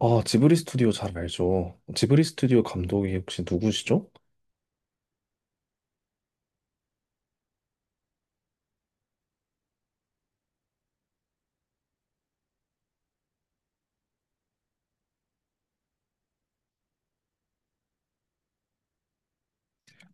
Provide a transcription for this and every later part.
아, 지브리 스튜디오 잘 알죠. 지브리 스튜디오 감독이 혹시 누구시죠?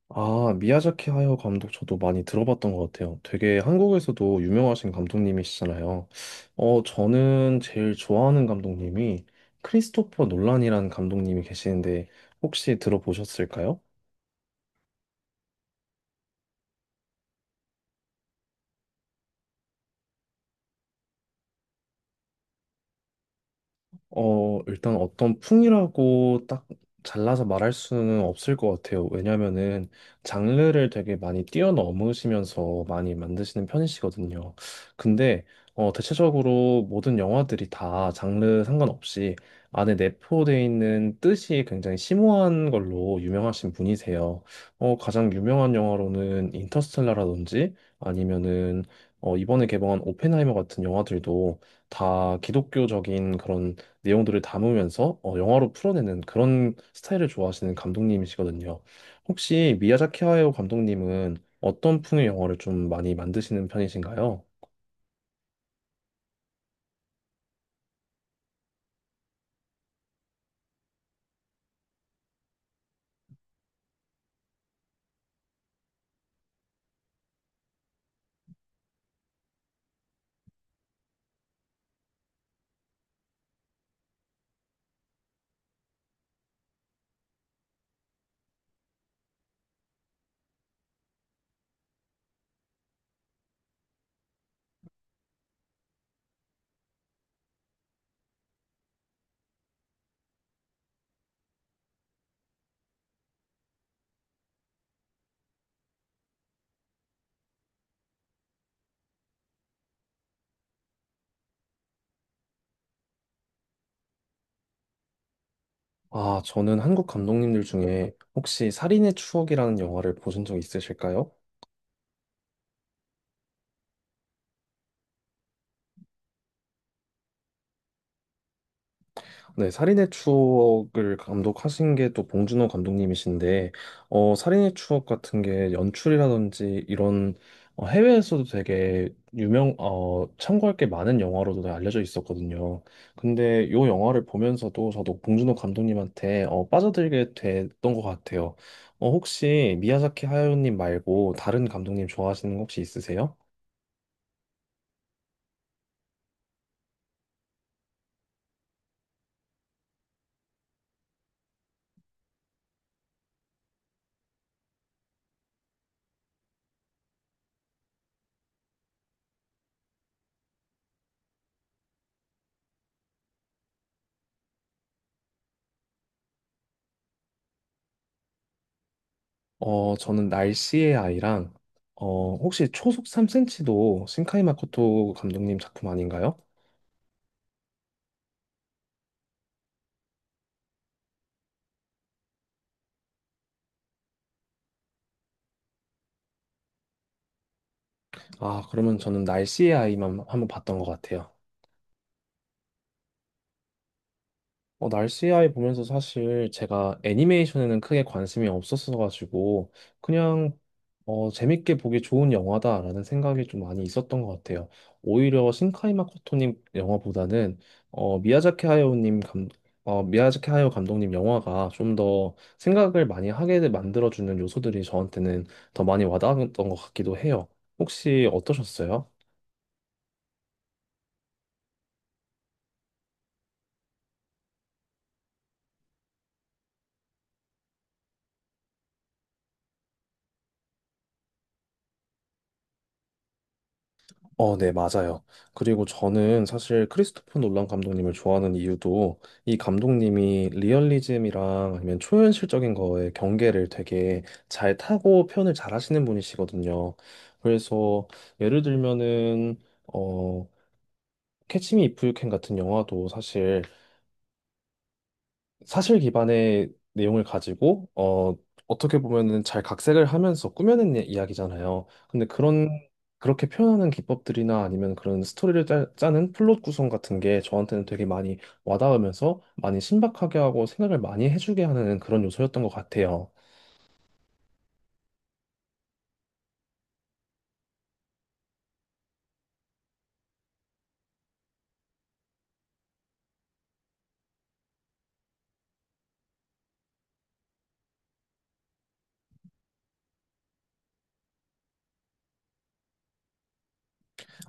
아, 미야자키 하야 감독 저도 많이 들어봤던 것 같아요. 되게 한국에서도 유명하신 감독님이시잖아요. 저는 제일 좋아하는 감독님이 크리스토퍼 놀란이라는 감독님이 계시는데 혹시 들어보셨을까요? 일단 어떤 풍이라고 딱 잘라서 말할 수는 없을 것 같아요. 왜냐면은 장르를 되게 많이 뛰어넘으시면서 많이 만드시는 편이시거든요. 근데 대체적으로 모든 영화들이 다 장르 상관없이 안에 내포되어 있는 뜻이 굉장히 심오한 걸로 유명하신 분이세요. 가장 유명한 영화로는 인터스텔라라든지 아니면은 이번에 개봉한 오펜하이머 같은 영화들도 다 기독교적인 그런 내용들을 담으면서 영화로 풀어내는 그런 스타일을 좋아하시는 감독님이시거든요. 혹시 미야자키 하야오 감독님은 어떤 풍의 영화를 좀 많이 만드시는 편이신가요? 아, 저는 한국 감독님들 중에 혹시 살인의 추억이라는 영화를 보신 적 있으실까요? 네, 살인의 추억을 감독하신 게 또 봉준호 감독님이신데, 살인의 추억 같은 게 연출이라든지 이런 해외에서도 되게 참고할 게 많은 영화로도 알려져 있었거든요. 근데 요 영화를 보면서도 저도 봉준호 감독님한테 빠져들게 됐던 것 같아요. 혹시 미야자키 하야오님 말고 다른 감독님 좋아하시는 거 혹시 있으세요? 저는 날씨의 아이랑, 혹시 초속 3cm도 신카이 마코토 감독님 작품 아닌가요? 아, 그러면 저는 날씨의 아이만 한번 봤던 것 같아요. 날씨 아이 보면서 사실 제가 애니메이션에는 크게 관심이 없었어가지고 그냥 재밌게 보기 좋은 영화다라는 생각이 좀 많이 있었던 것 같아요. 오히려 신카이 마코토님 영화보다는 어, 미야자키 하야오님 감 미야자키 하야오 감독님 영화가 좀 더 생각을 많이 하게 만들어주는 요소들이 저한테는 더 많이 와닿았던 것 같기도 해요. 혹시 어떠셨어요? 네, 맞아요. 그리고 저는 사실 크리스토퍼 놀란 감독님을 좋아하는 이유도 이 감독님이 리얼리즘이랑 아니면 초현실적인 거에 경계를 되게 잘 타고 표현을 잘 하시는 분이시거든요. 그래서 예를 들면은 어 캐치 미 이프 유캔 같은 영화도 사실 기반의 내용을 가지고 어떻게 보면은 잘 각색을 하면서 꾸며낸 이야기잖아요. 근데 그런 그렇게 표현하는 기법들이나 아니면 그런 스토리를 짜는 플롯 구성 같은 게 저한테는 되게 많이 와닿으면서 많이 신박하게 하고 생각을 많이 해주게 하는 그런 요소였던 것 같아요.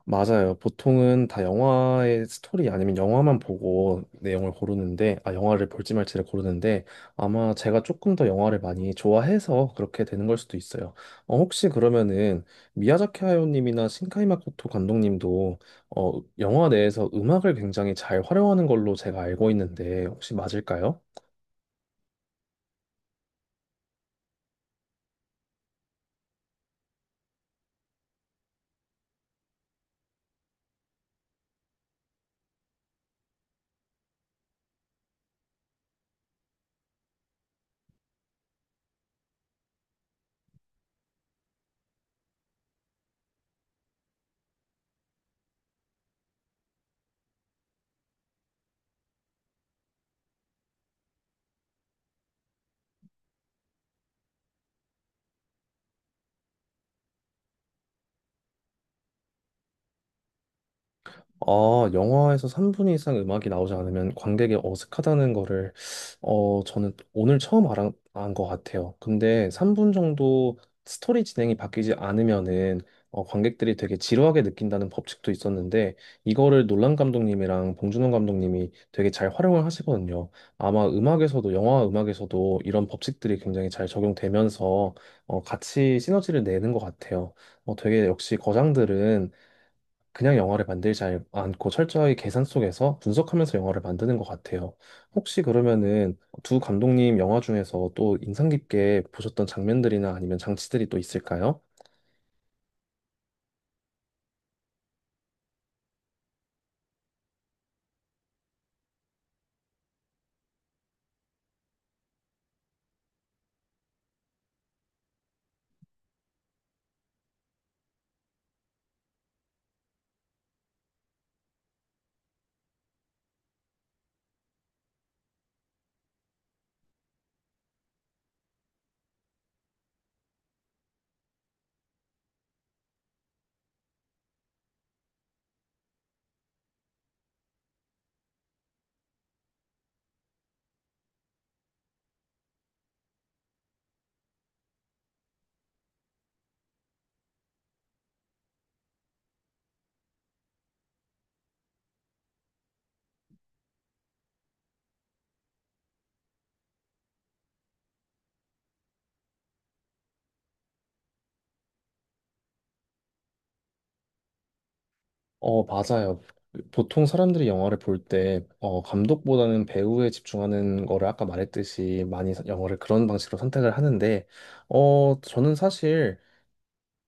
맞아요. 보통은 다 영화의 스토리 아니면 영화만 보고 내용을 고르는데, 아, 영화를 볼지 말지를 고르는데, 아마 제가 조금 더 영화를 많이 좋아해서 그렇게 되는 걸 수도 있어요. 혹시 그러면은 미야자키 하야오님이나 신카이 마코토 감독님도 어, 영화 내에서 음악을 굉장히 잘 활용하는 걸로 제가 알고 있는데, 혹시 맞을까요? 아, 영화에서 3분 이상 음악이 나오지 않으면 관객이 어색하다는 거를, 저는 오늘 처음 안것 같아요. 근데 3분 정도 스토리 진행이 바뀌지 않으면은, 관객들이 되게 지루하게 느낀다는 법칙도 있었는데, 이거를 놀란 감독님이랑 봉준호 감독님이 되게 잘 활용을 하시거든요. 아마 음악에서도, 영화 음악에서도 이런 법칙들이 굉장히 잘 적용되면서, 같이 시너지를 내는 것 같아요. 되게 역시 거장들은 그냥 영화를 만들지 않고 철저히 계산 속에서 분석하면서 영화를 만드는 것 같아요. 혹시 그러면은 두 감독님 영화 중에서 또 인상 깊게 보셨던 장면들이나 아니면 장치들이 또 있을까요? 맞아요. 보통 사람들이 영화를 볼 때, 감독보다는 배우에 집중하는 거를 아까 말했듯이 영화를 그런 방식으로 선택을 하는데, 저는 사실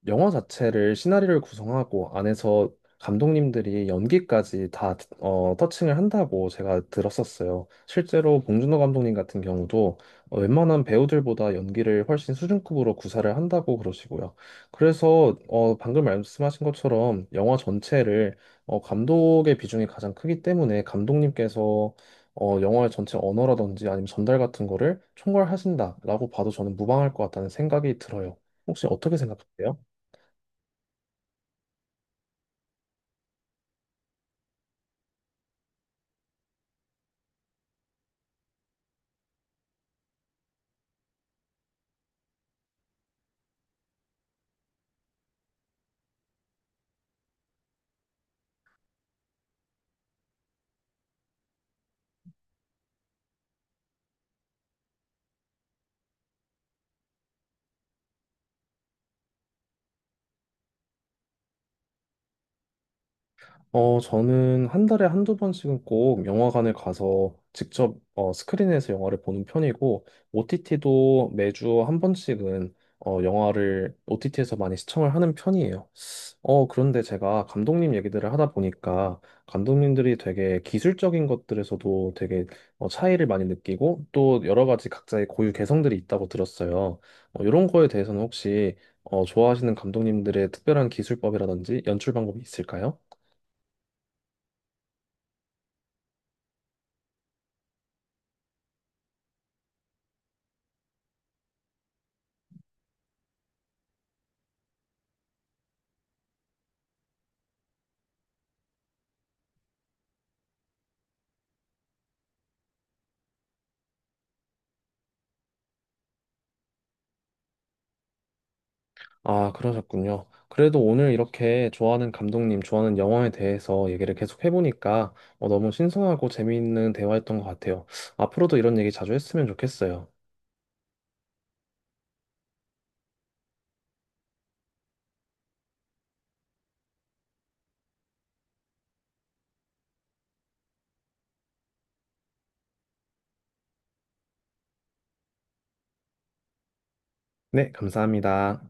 영화 자체를 시나리오를 구성하고 안에서 감독님들이 연기까지 다 터칭을 한다고 제가 들었었어요. 실제로 봉준호 감독님 같은 경우도 웬만한 배우들보다 연기를 훨씬 수준급으로 구사를 한다고 그러시고요. 그래서 방금 말씀하신 것처럼 영화 전체를 감독의 비중이 가장 크기 때문에 감독님께서 영화의 전체 언어라든지 아니면 전달 같은 거를 총괄하신다라고 봐도 저는 무방할 것 같다는 생각이 들어요. 혹시 어떻게 생각하세요? 저는 한 달에 한두 번씩은 꼭 영화관을 가서 직접 스크린에서 영화를 보는 편이고, OTT도 매주 한 번씩은 영화를 OTT에서 많이 시청을 하는 편이에요. 그런데 제가 감독님 얘기들을 하다 보니까 감독님들이 되게 기술적인 것들에서도 되게 차이를 많이 느끼고 또 여러 가지 각자의 고유 개성들이 있다고 들었어요. 이런 거에 대해서는 혹시 좋아하시는 감독님들의 특별한 기술법이라든지 연출 방법이 있을까요? 아, 그러셨군요. 그래도 오늘 이렇게 좋아하는 감독님, 좋아하는 영화에 대해서 얘기를 계속 해보니까 너무 신선하고 재미있는 대화였던 것 같아요. 앞으로도 이런 얘기 자주 했으면 좋겠어요. 네, 감사합니다.